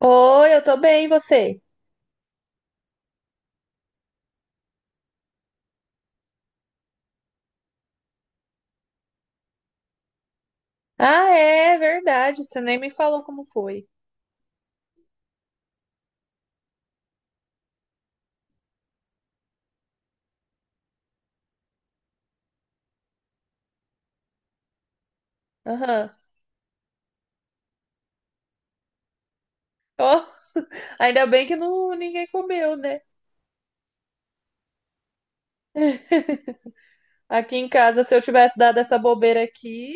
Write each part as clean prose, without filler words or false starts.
Oi, eu tô bem, e você? Ah, é verdade, você nem me falou como foi. Aham. Ó, ainda bem que não, ninguém comeu, né? Aqui em casa, se eu tivesse dado essa bobeira aqui,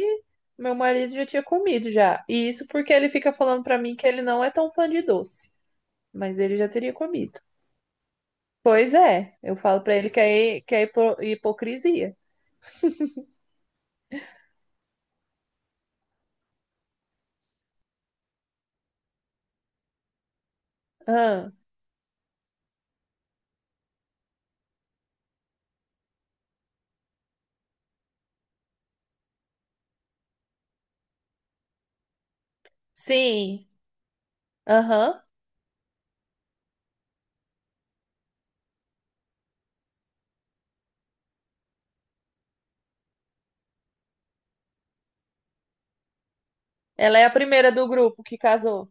meu marido já tinha comido já. E isso porque ele fica falando pra mim que ele não é tão fã de doce, mas ele já teria comido. Pois é, eu falo pra ele que é hipocrisia. Ah, sim, aham. Ela é a primeira do grupo que casou.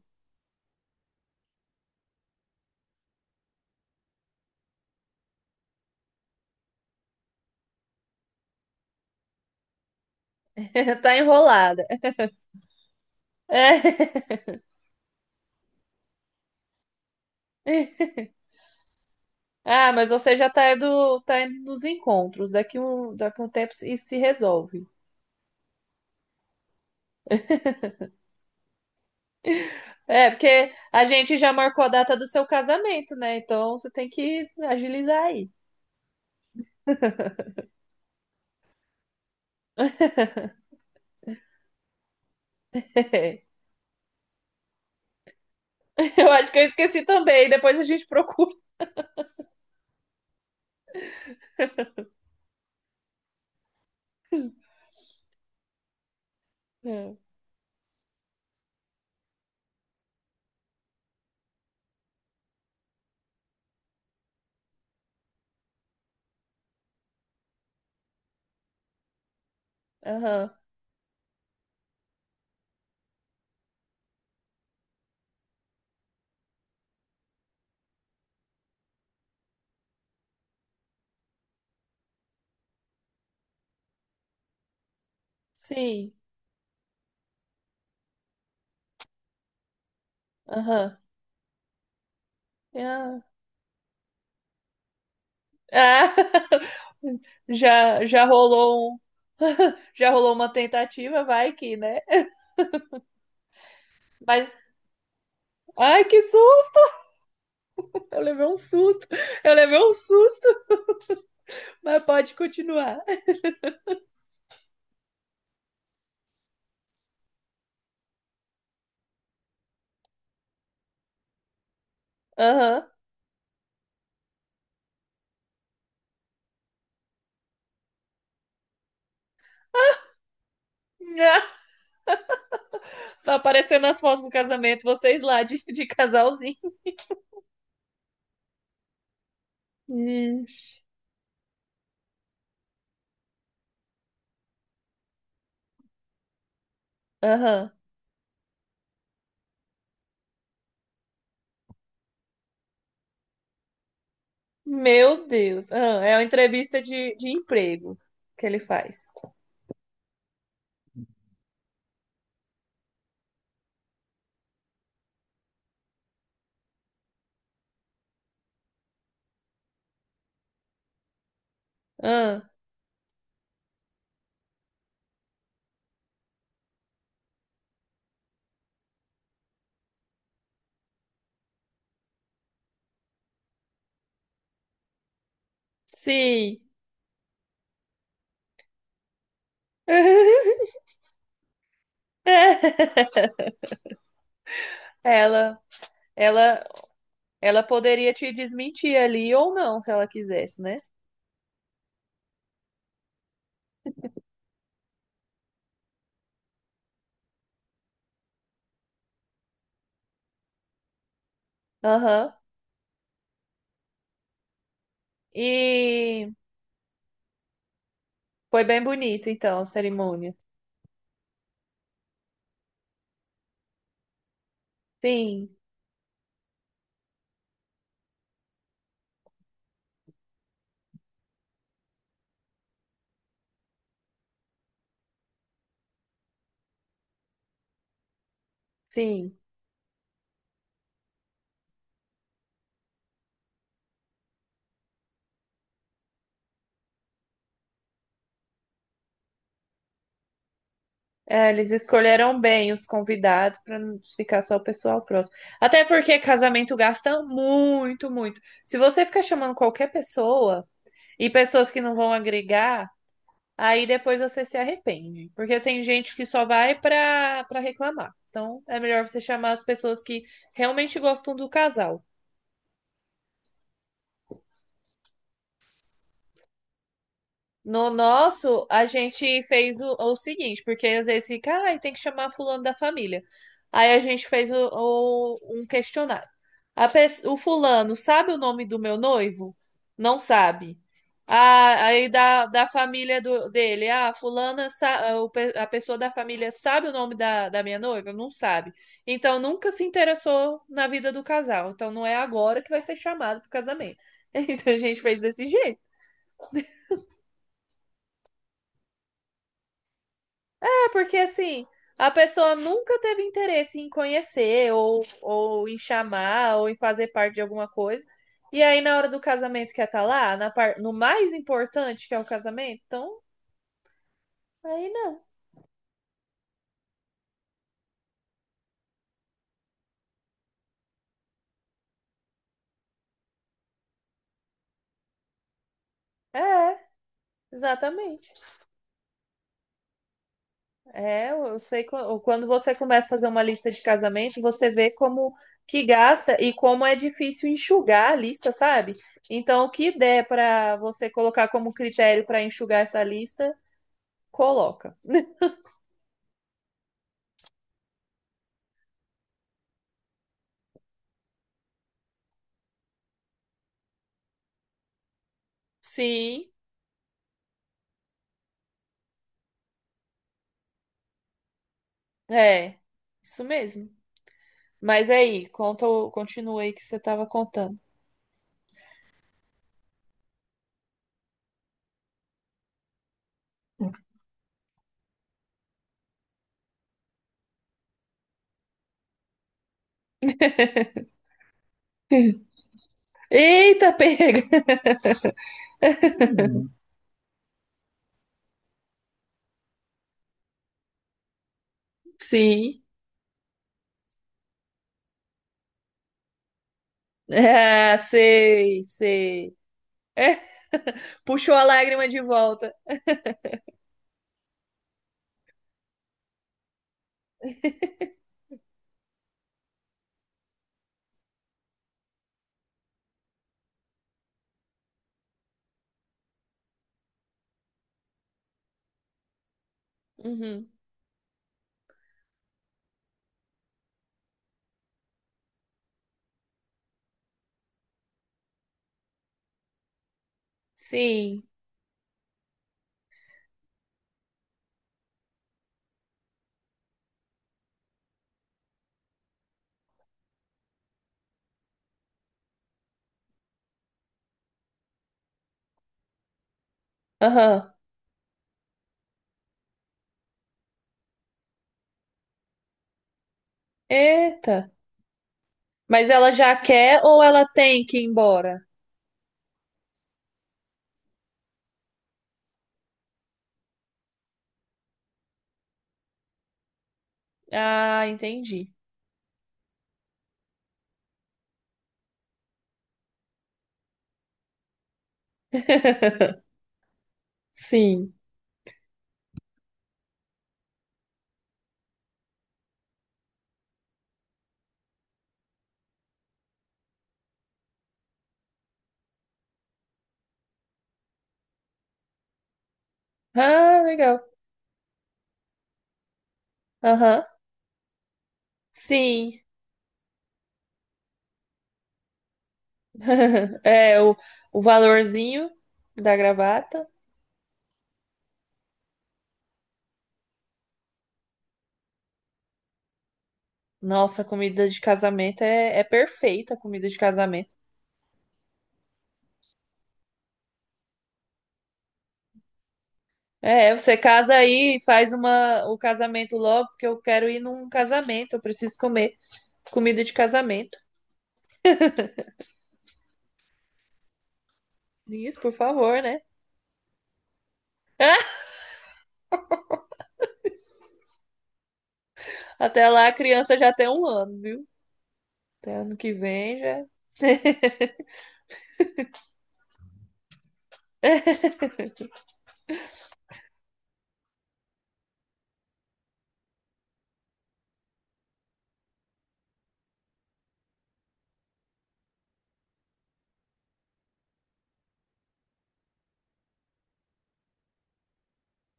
Tá enrolada. É. Ah, mas você já tá indo nos encontros. Daqui um tempo isso se resolve. É, porque a gente já marcou a data do seu casamento, né? Então você tem que agilizar aí. Eu acho que eu esqueci também. Depois a gente procura. É. Aham. Sim. Aham. Ah. Ah. Já, já rolou um, já rolou uma tentativa, vai que, né? Mas, ai, que susto! Eu levei um susto. Eu levei um susto, mas pode continuar. Aham. Ah, tá aparecendo as fotos do casamento, vocês lá de casalzinho. Ixi. Aham. Meu Deus. Ah, é uma entrevista de emprego que ele faz. Ah, sim. Ela, ela, ela poderia te desmentir ali ou não, se ela quisesse, né? Aham. E foi bem bonito, então, a cerimônia. Sim, sim. É, eles escolheram bem os convidados para não ficar só o pessoal próximo. Até porque casamento gasta muito, muito. Se você ficar chamando qualquer pessoa e pessoas que não vão agregar, aí depois você se arrepende. Porque tem gente que só vai para reclamar. Então é melhor você chamar as pessoas que realmente gostam do casal. No nosso, a gente fez o seguinte, porque às vezes fica, ai, tem que chamar fulano da família. Aí a gente fez um questionário. O fulano sabe o nome do meu noivo? Não sabe. Ah, aí da família dele, ah, fulana, a pessoa da família sabe o nome da minha noiva? Não sabe. Então nunca se interessou na vida do casal. Então não é agora que vai ser chamado pro casamento. Então a gente fez desse jeito. Porque assim, a pessoa nunca teve interesse em conhecer, ou em chamar, ou em fazer parte de alguma coisa. E aí, na hora do casamento, quer estar lá, na par... no mais importante que é o casamento, então aí não. É, exatamente. É, eu sei quando você começa a fazer uma lista de casamento, você vê como que gasta e como é difícil enxugar a lista, sabe? Então, o que der para você colocar como critério para enxugar essa lista, coloca. Sim, é, isso mesmo. Mas é aí, conta, continua aí que você estava contando. Eita, pega! Sim. Ah, sei, sei. É. Puxou a lágrima de volta. Uhum. Sim. Aham. Eita. Mas ela já quer ou ela tem que ir embora? Ah, entendi. Sim. Ah, legal. Aham. Sim. É, o valorzinho da gravata. Nossa, comida de casamento é, é perfeita, a comida de casamento. É, você casa aí e faz uma, o casamento logo, porque eu quero ir num casamento, eu preciso comer comida de casamento. Isso, por favor, né? Até lá a criança já tem um ano, viu? Até ano que vem já.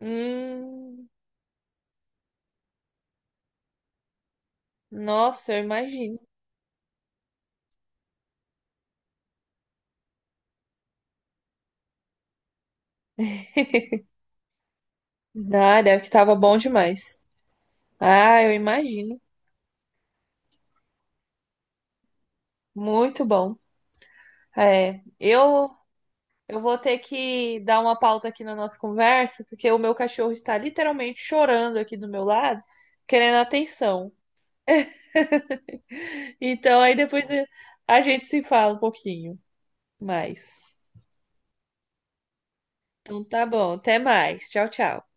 Hum, nossa, eu imagino. Ah, deve que tava bom demais. Ah, eu imagino. Muito bom. É, eu vou ter que dar uma pausa aqui na nossa conversa, porque o meu cachorro está literalmente chorando aqui do meu lado, querendo atenção. Então, aí depois a gente se fala um pouquinho mais. Então, tá bom. Até mais. Tchau, tchau.